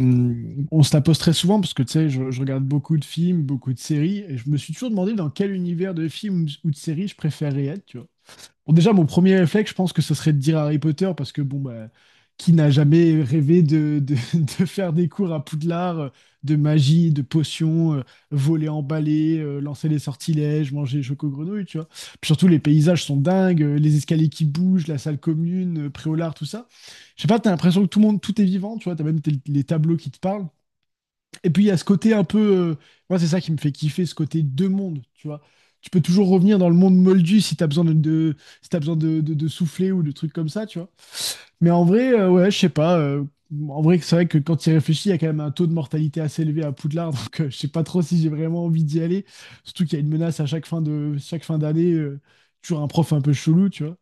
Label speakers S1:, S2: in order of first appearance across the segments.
S1: On se la pose très souvent parce que tu sais, je regarde beaucoup de films, beaucoup de séries, et je me suis toujours demandé dans quel univers de films ou de séries je préférais être, tu vois. Bon, déjà, mon premier réflexe, je pense que ce serait de dire Harry Potter, parce que bon, bah, qui n'a jamais rêvé de faire des cours à Poudlard, de magie, de potions, voler en balai, lancer les sortilèges, manger les chocos-grenouilles, tu vois. Puis surtout, les paysages sont dingues, les escaliers qui bougent, la salle commune, Préolard, tout ça. Je sais pas, t'as l'impression que tout le monde, tout est vivant, tu vois, les tableaux qui te parlent. Et puis il y a ce côté un peu, moi, c'est ça qui me fait kiffer, ce côté deux mondes, tu vois. Tu peux toujours revenir dans le monde moldu si t'as besoin si t'as besoin de souffler ou de trucs comme ça, tu vois. Mais en vrai, ouais, je sais pas. En vrai, c'est vrai que quand tu y réfléchis, il y a quand même un taux de mortalité assez élevé à Poudlard, donc je sais pas trop si j'ai vraiment envie d'y aller. Surtout qu'il y a une menace à chaque fin de, chaque fin d'année, toujours un prof un peu chelou, tu vois.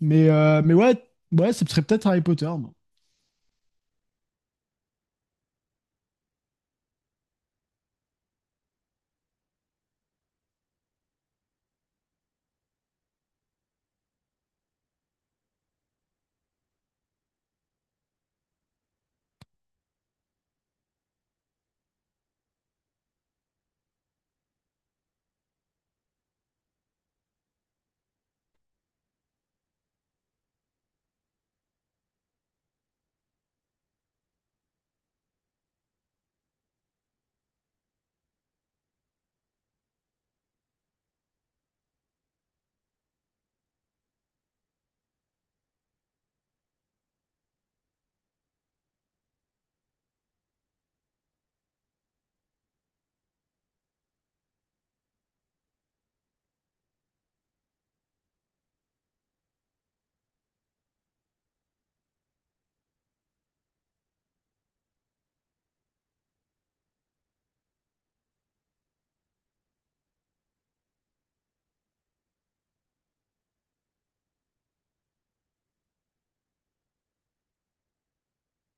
S1: Mais ouais, ouais, ce serait peut-être Harry Potter,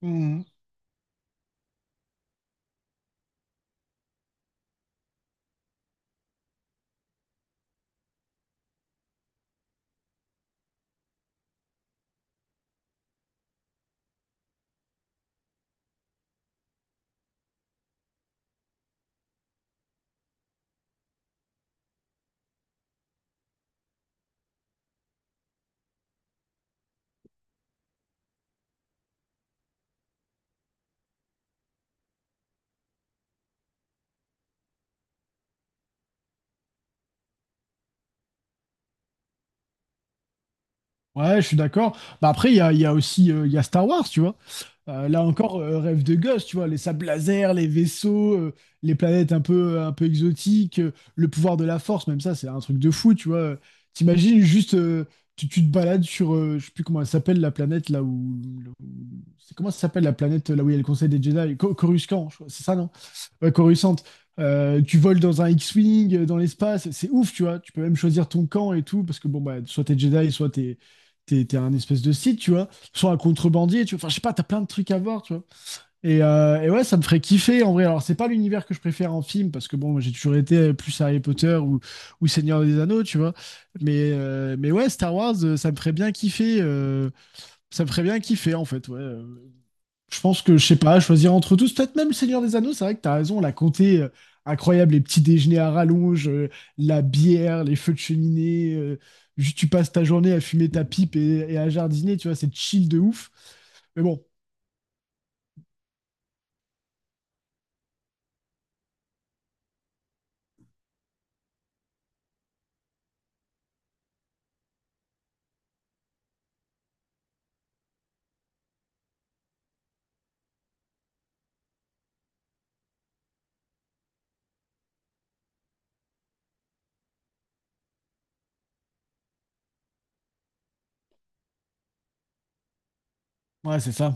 S1: moi. Ouais, je suis d'accord. Bah après, il y a aussi il y a Star Wars, tu vois. Là encore, rêve de gosse, tu vois, les sables laser, les vaisseaux, les planètes un un peu exotiques, le pouvoir de la force, même ça, c'est un truc de fou, tu vois. T'imagines juste, tu te balades sur, je sais plus comment elle s'appelle, la planète là c'est comment ça s'appelle la planète là où il y a le Conseil des Jedi? Coruscant, je crois, c'est ça, ouais, Coruscant, tu voles dans un X-Wing, dans l'espace, c'est ouf, tu vois. Tu peux même choisir ton camp et tout, parce que bon, bah, soit t'es Jedi, soit t'es un espèce de Sith, tu vois. Soit un contrebandier, tu vois. Enfin, je sais pas, t'as plein de trucs à voir, tu vois. Et ouais, ça me ferait kiffer, en vrai. Alors, c'est pas l'univers que je préfère en film, parce que bon, moi, j'ai toujours été plus Harry Potter ou Seigneur des Anneaux, tu vois. Mais ouais, Star Wars, ça me ferait bien kiffer, ça me ferait bien kiffer, en fait, ouais. Je pense que, je sais pas, choisir entre tous, peut-être même le Seigneur des Anneaux, c'est vrai que t'as raison, la comté incroyable, les petits déjeuners à rallonge, la bière, les feux de cheminée, juste tu passes ta journée à fumer ta pipe et à jardiner, tu vois, c'est chill de ouf. Mais bon, ouais, c'est ça.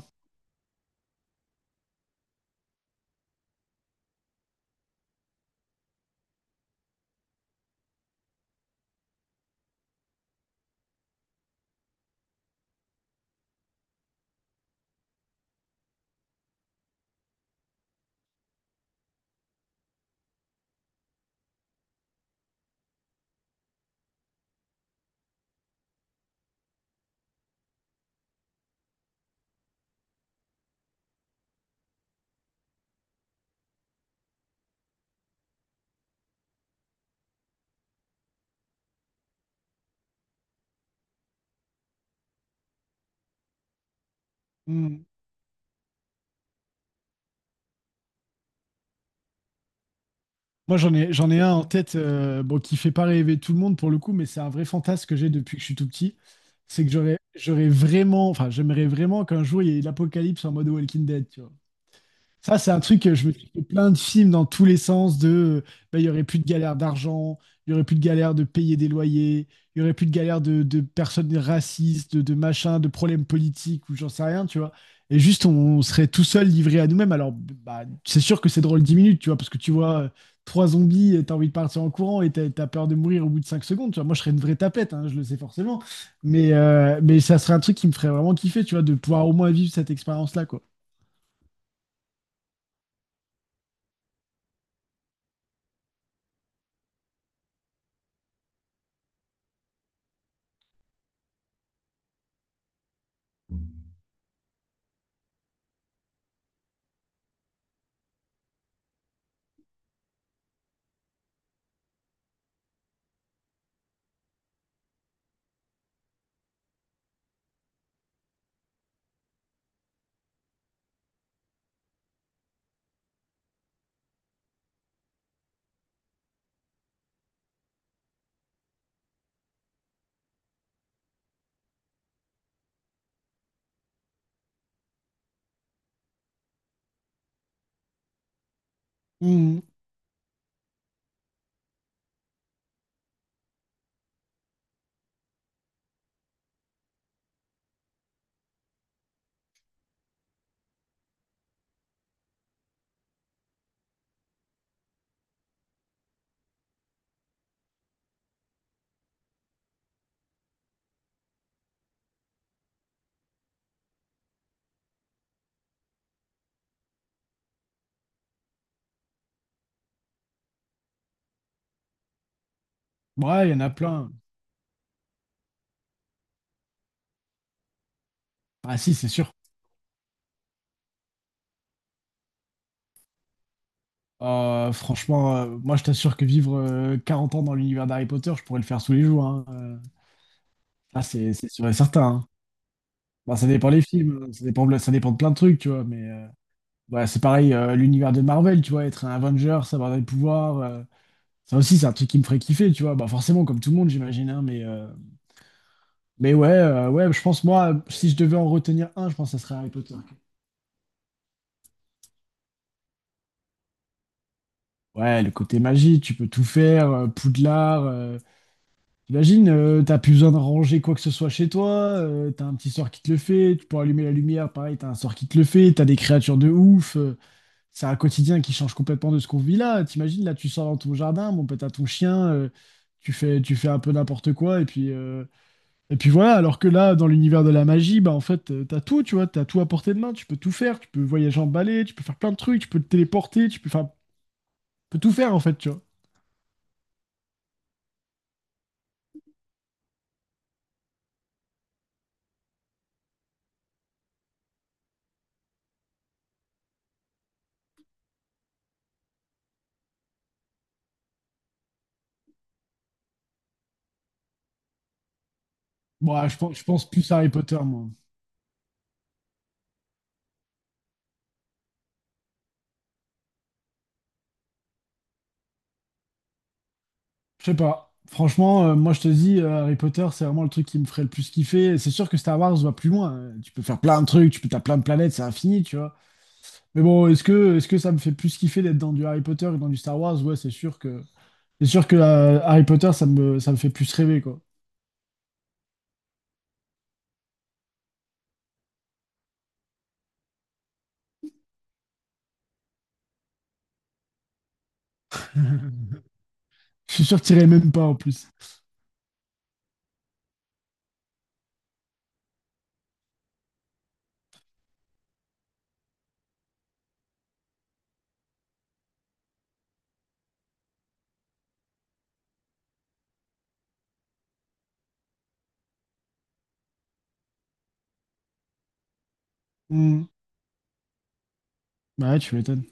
S1: Hmm. Moi, j'en ai un en tête, bon, qui fait pas rêver tout le monde pour le coup, mais c'est un vrai fantasme que j'ai depuis que je suis tout petit. C'est que j'aurais vraiment, enfin, j'aimerais vraiment qu'un jour il y ait l'apocalypse en mode Walking Dead, ça, c'est un truc que je me suis fait plein de films dans tous les sens de bah, il y aurait plus de galère d'argent, il y aurait plus de galère de payer des loyers, il y aurait plus de galère de personnes racistes, de machins, de problèmes politiques ou j'en sais rien, tu vois. Et juste, on serait tout seul livré à nous-mêmes. Alors, bah, c'est sûr que c'est drôle 10 minutes, tu vois, parce que tu vois trois zombies et t'as envie de partir en courant et t'as peur de mourir au bout de 5 secondes, tu vois. Moi, je serais une vraie tapette, hein, je le sais forcément. Mais ça serait un truc qui me ferait vraiment kiffer, tu vois, de pouvoir au moins vivre cette expérience-là, quoi. Ouais, il y en a plein. Ah si, c'est sûr. Franchement, moi je t'assure que vivre 40 ans dans l'univers d'Harry Potter, je pourrais le faire tous les jours, hein. Ah, c'est sûr et certain, hein. Bah, ça dépend des films, hein. Ça dépend de plein de trucs, tu vois. Mais ouais, c'est pareil, l'univers de Marvel, tu vois, être un Avenger, savoir des pouvoirs, ça aussi c'est un truc qui me ferait kiffer, tu vois. Bah forcément, comme tout le monde, j'imagine, hein, mais ouais, ouais, je pense moi, si je devais en retenir un, je pense que ça serait Harry Potter. Ouais, le côté magie, tu peux tout faire, Poudlard. Euh, t'imagines, t'as plus besoin de ranger quoi que ce soit chez toi, t'as un petit sort qui te le fait, tu peux allumer la lumière, pareil, t'as un sort qui te le fait, t'as des créatures de ouf, c'est un quotidien qui change complètement de ce qu'on vit là. T'imagines, là, tu sors dans ton jardin, bon, peut t'as ton chien, tu fais un peu n'importe quoi, et puis voilà, alors que là, dans l'univers de la magie, bah en fait, t'as tout, tu vois, t'as tout à portée de main, tu peux tout faire, tu peux voyager en balai, tu peux faire plein de trucs, tu peux te téléporter, tu peux, enfin, tu peux tout faire en fait, tu vois. Bon, je pense plus à Harry Potter, moi. Je sais pas. Franchement, moi, je te dis, Harry Potter, c'est vraiment le truc qui me ferait le plus kiffer. C'est sûr que Star Wars va plus loin. Tu peux faire plein de trucs, tu peux, t'as plein de planètes, c'est infini, tu vois. Mais bon, est-ce que ça me fait plus kiffer d'être dans du Harry Potter que dans du Star Wars? Ouais, c'est sûr que Harry Potter, ça me fait plus rêver, quoi. Je suis sûr que t'irais même pas en plus. Hmm. Bah ouais, tu m'étonnes.